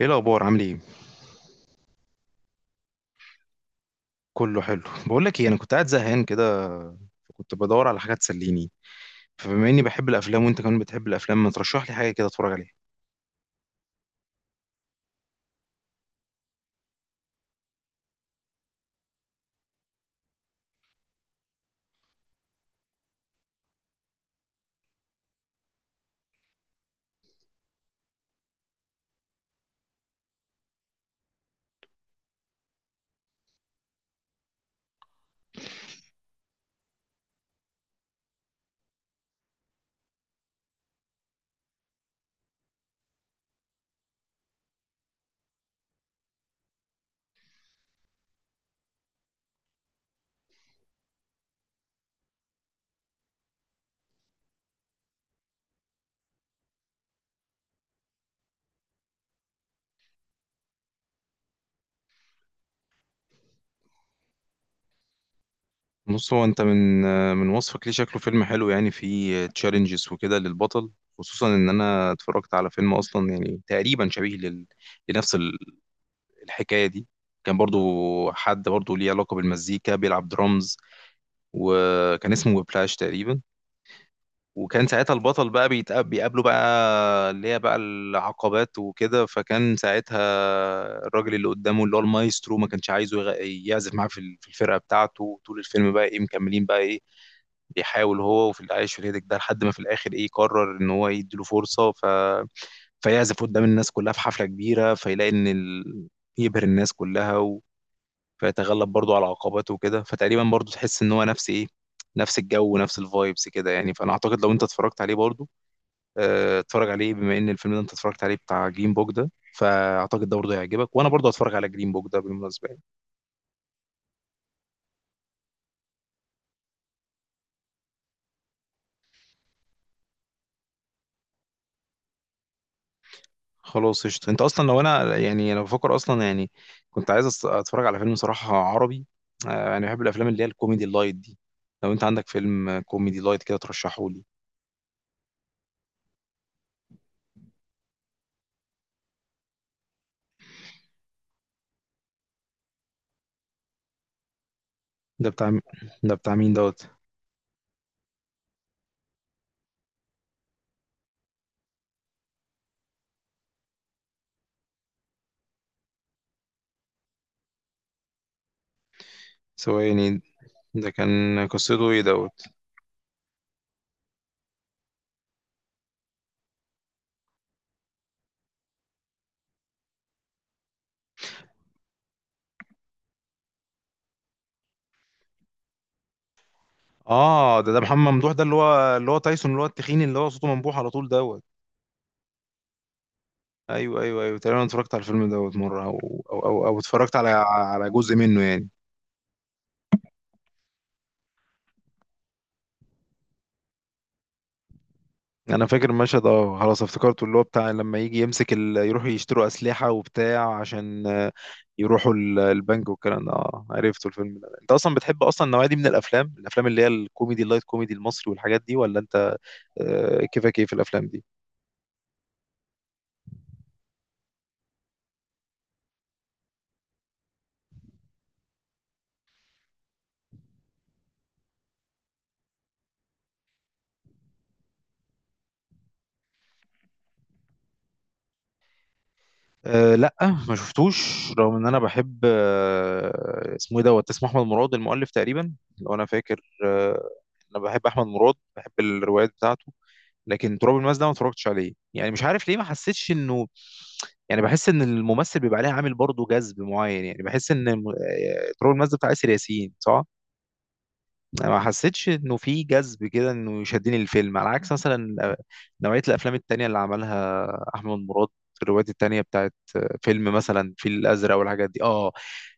ايه الاخبار؟ عامل ايه؟ كله حلو. بقول لك ايه، انا كنت قاعد زهقان كده. كنت بدور على حاجه تسليني. فبما اني بحب الافلام وانت كمان بتحب الافلام، ما ترشح لي حاجه كده اتفرج عليها؟ بص، هو انت من وصفك ليه شكله فيلم حلو، يعني فيه تشالنجز وكده للبطل. خصوصا ان انا اتفرجت على فيلم اصلا، يعني تقريبا شبيه لنفس الحكايه دي. كان برضو حد برضو ليه علاقه بالمزيكا، بيلعب درامز، وكان اسمه بلاش تقريبا. وكان ساعتها البطل بقى بيقابله، بقى اللي هي بقى العقبات وكده. فكان ساعتها الراجل اللي قدامه اللي هو المايسترو ما كانش عايزه يعزف معاه في في الفرقة بتاعته طول الفيلم. بقى ايه، مكملين بقى ايه، بيحاول هو وفي العيش في الهيدك ده لحد ما في الاخر ايه قرر ان هو يديله فرصة، فيعزف قدام الناس كلها في حفلة كبيرة، فيلاقي ان يبهر الناس كلها، فيتغلب برضه على عقباته وكده. فتقريبا برضه تحس ان هو نفس ايه، نفس الجو ونفس الفايبس كده يعني. فانا اعتقد لو انت اتفرجت عليه برضه، اتفرج عليه. بما ان الفيلم ده انت اتفرجت عليه بتاع جرين بوك ده، فاعتقد ده برضه هيعجبك، وانا برضه هتفرج على جرين بوك ده بالمناسبه يعني. خلاص قشطه. انت اصلا لو انا، يعني انا بفكر اصلا، يعني كنت عايز اتفرج على فيلم صراحه عربي. انا بحب الافلام اللي هي الكوميدي اللايت دي. لو انت عندك فيلم كوميدي لايت كده ترشحه لي. ده بتاع م- ده بتاع مين دوت؟ ثواني. ده كان قصته ايه دوت؟ اه، ده ده محمد ممدوح، ده اللي هو تايسون، اللي هو التخين، اللي هو صوته منبوح على طول دوت. ايوه، ايوه، ايوه، تقريبا أنا اتفرجت على الفيلم دوت مره، أو اتفرجت على جزء منه يعني. انا فاكر المشهد، اه خلاص افتكرته، اللي هو بتاع لما يجي يمسك يروحوا يشتروا اسلحه وبتاع عشان، يروحوا البنك والكلام ده. اه، عرفته الفيلم ده. انت اصلا بتحب اصلا النوعيه دي من الافلام اللي هي الكوميدي اللايت، كوميدي المصري والحاجات دي، ولا انت كيفك ايه في الافلام دي؟ أه لا، ما شفتوش، رغم ان انا بحب. اسمه ايه دوت، اسمه احمد مراد المؤلف تقريبا لو انا فاكر، انا بحب احمد مراد، بحب الروايات بتاعته. لكن تراب الماس ده ما اتفرجتش عليه، يعني مش عارف ليه، ما حسيتش انه، يعني بحس ان الممثل بيبقى عليه عامل برضه جذب معين. يعني بحس ان تراب الماس ده بتاع ياسر ياسين، صح؟ انا ما حسيتش انه في جذب كده انه يشدني الفيلم، على عكس مثلا نوعيه الافلام التانية اللي عملها احمد مراد، الروايات التانية بتاعت فيلم مثلا الفيل الازرق والحاجات دي، اه.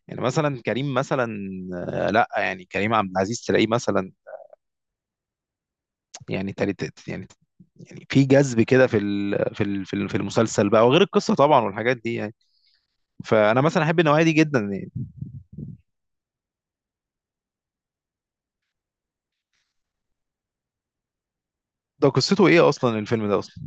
يعني مثلا كريم مثلا، لا، يعني كريم عبد العزيز تلاقيه مثلا يعني تالت يعني. يعني في جذب كده في في المسلسل بقى، وغير القصه طبعا والحاجات دي يعني. فانا مثلا احب النوعيه دي جدا يعني. ده قصته ايه اصلا الفيلم ده اصلا؟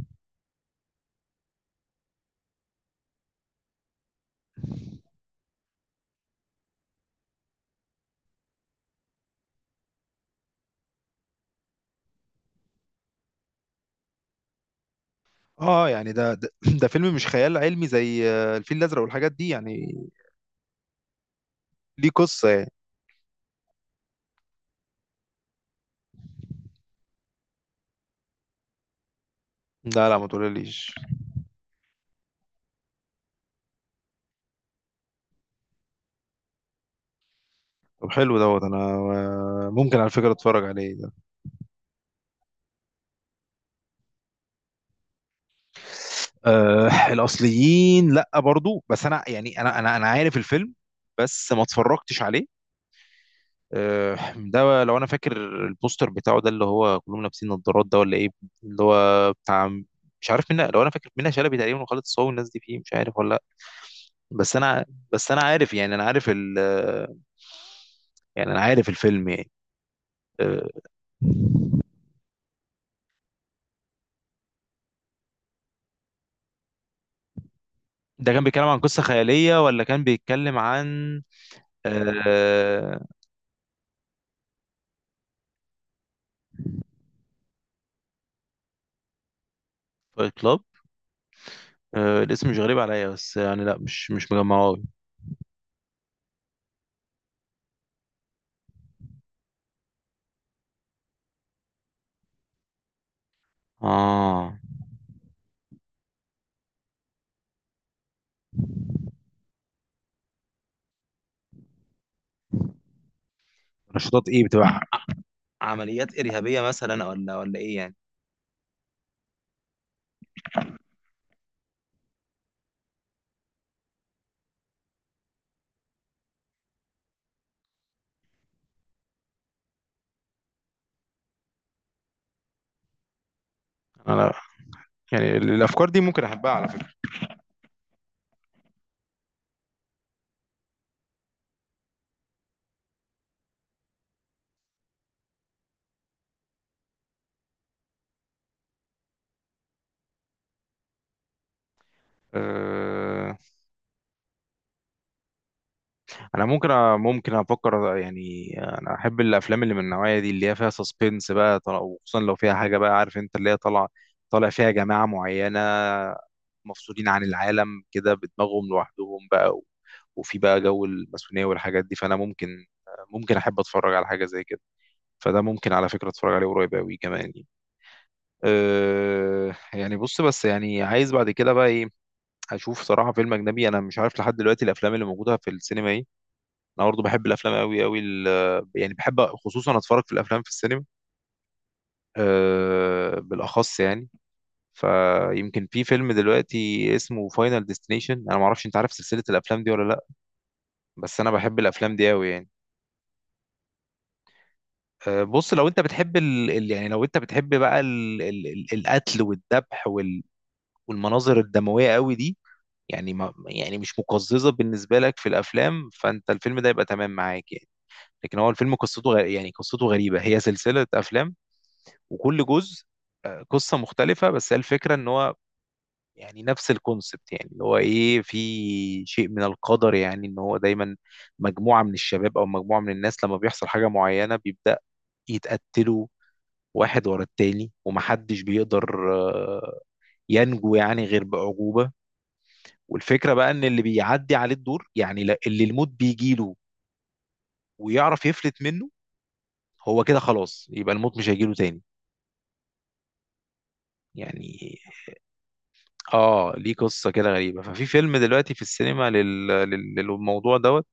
اه، يعني ده فيلم مش خيال علمي زي الفيل الازرق والحاجات دي يعني؟ ليه قصة يعني؟ لا، لا، ما تقوليليش. طب حلو دوت. انا ممكن على فكرة اتفرج عليه ده. أه، الاصليين، لا برضو، بس انا، يعني انا عارف الفيلم، بس ما اتفرجتش عليه. أه، ده لو انا فاكر البوستر بتاعه ده اللي هو كلهم لابسين نظارات ده، ولا ايه؟ اللي هو بتاع، مش عارف منها، لو انا فاكر منها شلبي تقريبا، وخالد الصاوي والناس دي فيه، مش عارف ولا لا. بس انا بس انا عارف، يعني انا عارف يعني انا عارف الفيلم يعني. أه، ده كان بيتكلم عن قصة خيالية ولا كان بيتكلم عن آه... فايت كلاب؟ الاسم مش غريب عليا، بس يعني لا، مش مجمعه أوي. اه، نشاطات ايه بتبقى، عمليات إرهابية مثلا، ولا ايه يعني؟ انا، يعني الافكار دي ممكن احبها على فكرة. آه... انا ممكن افكر يعني. انا احب الافلام اللي من النوعيه دي، اللي هي فيها سسبنس بقى، وخصوصا لو فيها حاجه بقى، عارف انت اللي هي طالع فيها جماعه معينه مفصولين عن العالم كده بدماغهم لوحدهم بقى، وفي بقى جو الماسونيه والحاجات دي. فانا ممكن احب اتفرج على حاجه زي كده. فده ممكن على فكره اتفرج عليه قريب قوي كمان يعني. أه، يعني بص، بس يعني عايز بعد كده بقى ايه اشوف صراحه فيلم اجنبي. انا مش عارف لحد دلوقتي الافلام اللي موجوده في السينما ايه. انا برضه بحب الافلام قوي قوي، يعني بحب خصوصا اتفرج في الافلام في السينما، أه بالاخص يعني. فيمكن في فيلم دلوقتي اسمه فاينل ديستنيشن. انا ما اعرفش انت عارف سلسله الافلام دي ولا لا، بس انا بحب الافلام دي قوي يعني. أه بص، لو انت بتحب يعني لو انت بتحب بقى القتل والذبح والمناظر الدمويه قوي دي، يعني ما يعني مش مقززه بالنسبه لك في الافلام، فانت الفيلم ده يبقى تمام معاك يعني. لكن هو الفيلم يعني قصته غريبه. هي سلسله افلام وكل جزء قصة مختلفة، بس هي الفكرة ان هو يعني نفس الكونسبت، يعني اللي هو ايه، في شيء من القدر يعني، ان هو دايما مجموعة من الشباب او مجموعة من الناس لما بيحصل حاجة معينة، بيبدأ يتقتلوا واحد ورا التاني، ومحدش بيقدر ينجو، يعني غير بعجوبة. والفكرة بقى ان اللي بيعدي عليه الدور، يعني اللي الموت بيجيله ويعرف يفلت منه هو كده خلاص، يبقى الموت مش هيجيله تاني يعني. اه، ليه قصه كده غريبه. ففي فيلم دلوقتي في السينما للموضوع دوت.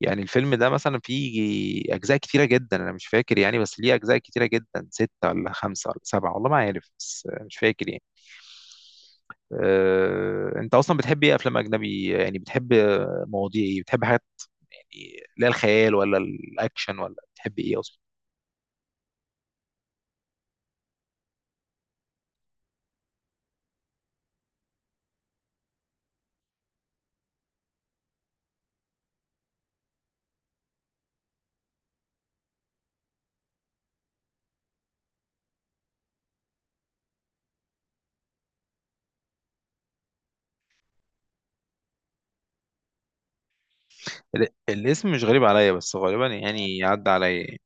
يعني الفيلم ده مثلا فيه اجزاء كتيره جدا، انا مش فاكر يعني، بس ليه اجزاء كتيره جدا، 6 ولا 5 ولا 7، والله ما عارف بس مش فاكر يعني. انت اصلا بتحب ايه، افلام اجنبي يعني؟ بتحب مواضيع ايه، بتحب حاجات يعني لا الخيال ولا الاكشن، ولا بتحب ايه اصلا؟ الاسم مش غريب عليا، بس غالبا يعني عدى عليا.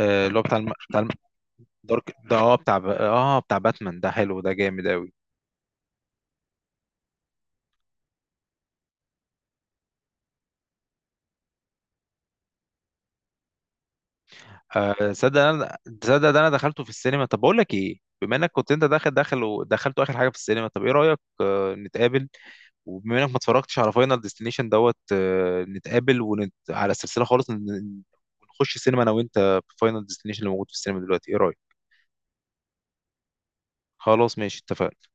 اللي هو بتاع بتاع دارك، ده اه بتاع ب... اه بتاع باتمان ده، حلو، ده جامد قوي. آه صدق انا، صدق ده انا دخلته في السينما. طب بقول لك ايه، بما انك كنت انت داخل ودخلته اخر حاجه في السينما، طب ايه رايك، نتقابل، وبما انك ما اتفرجتش على فاينل ديستنيشن دوت، نتقابل، على السلسله خالص، ونخش السينما انا وانت في فاينل ديستنيشن اللي موجود في السينما دلوقتي، ايه رايك؟ خلاص ماشي اتفقنا.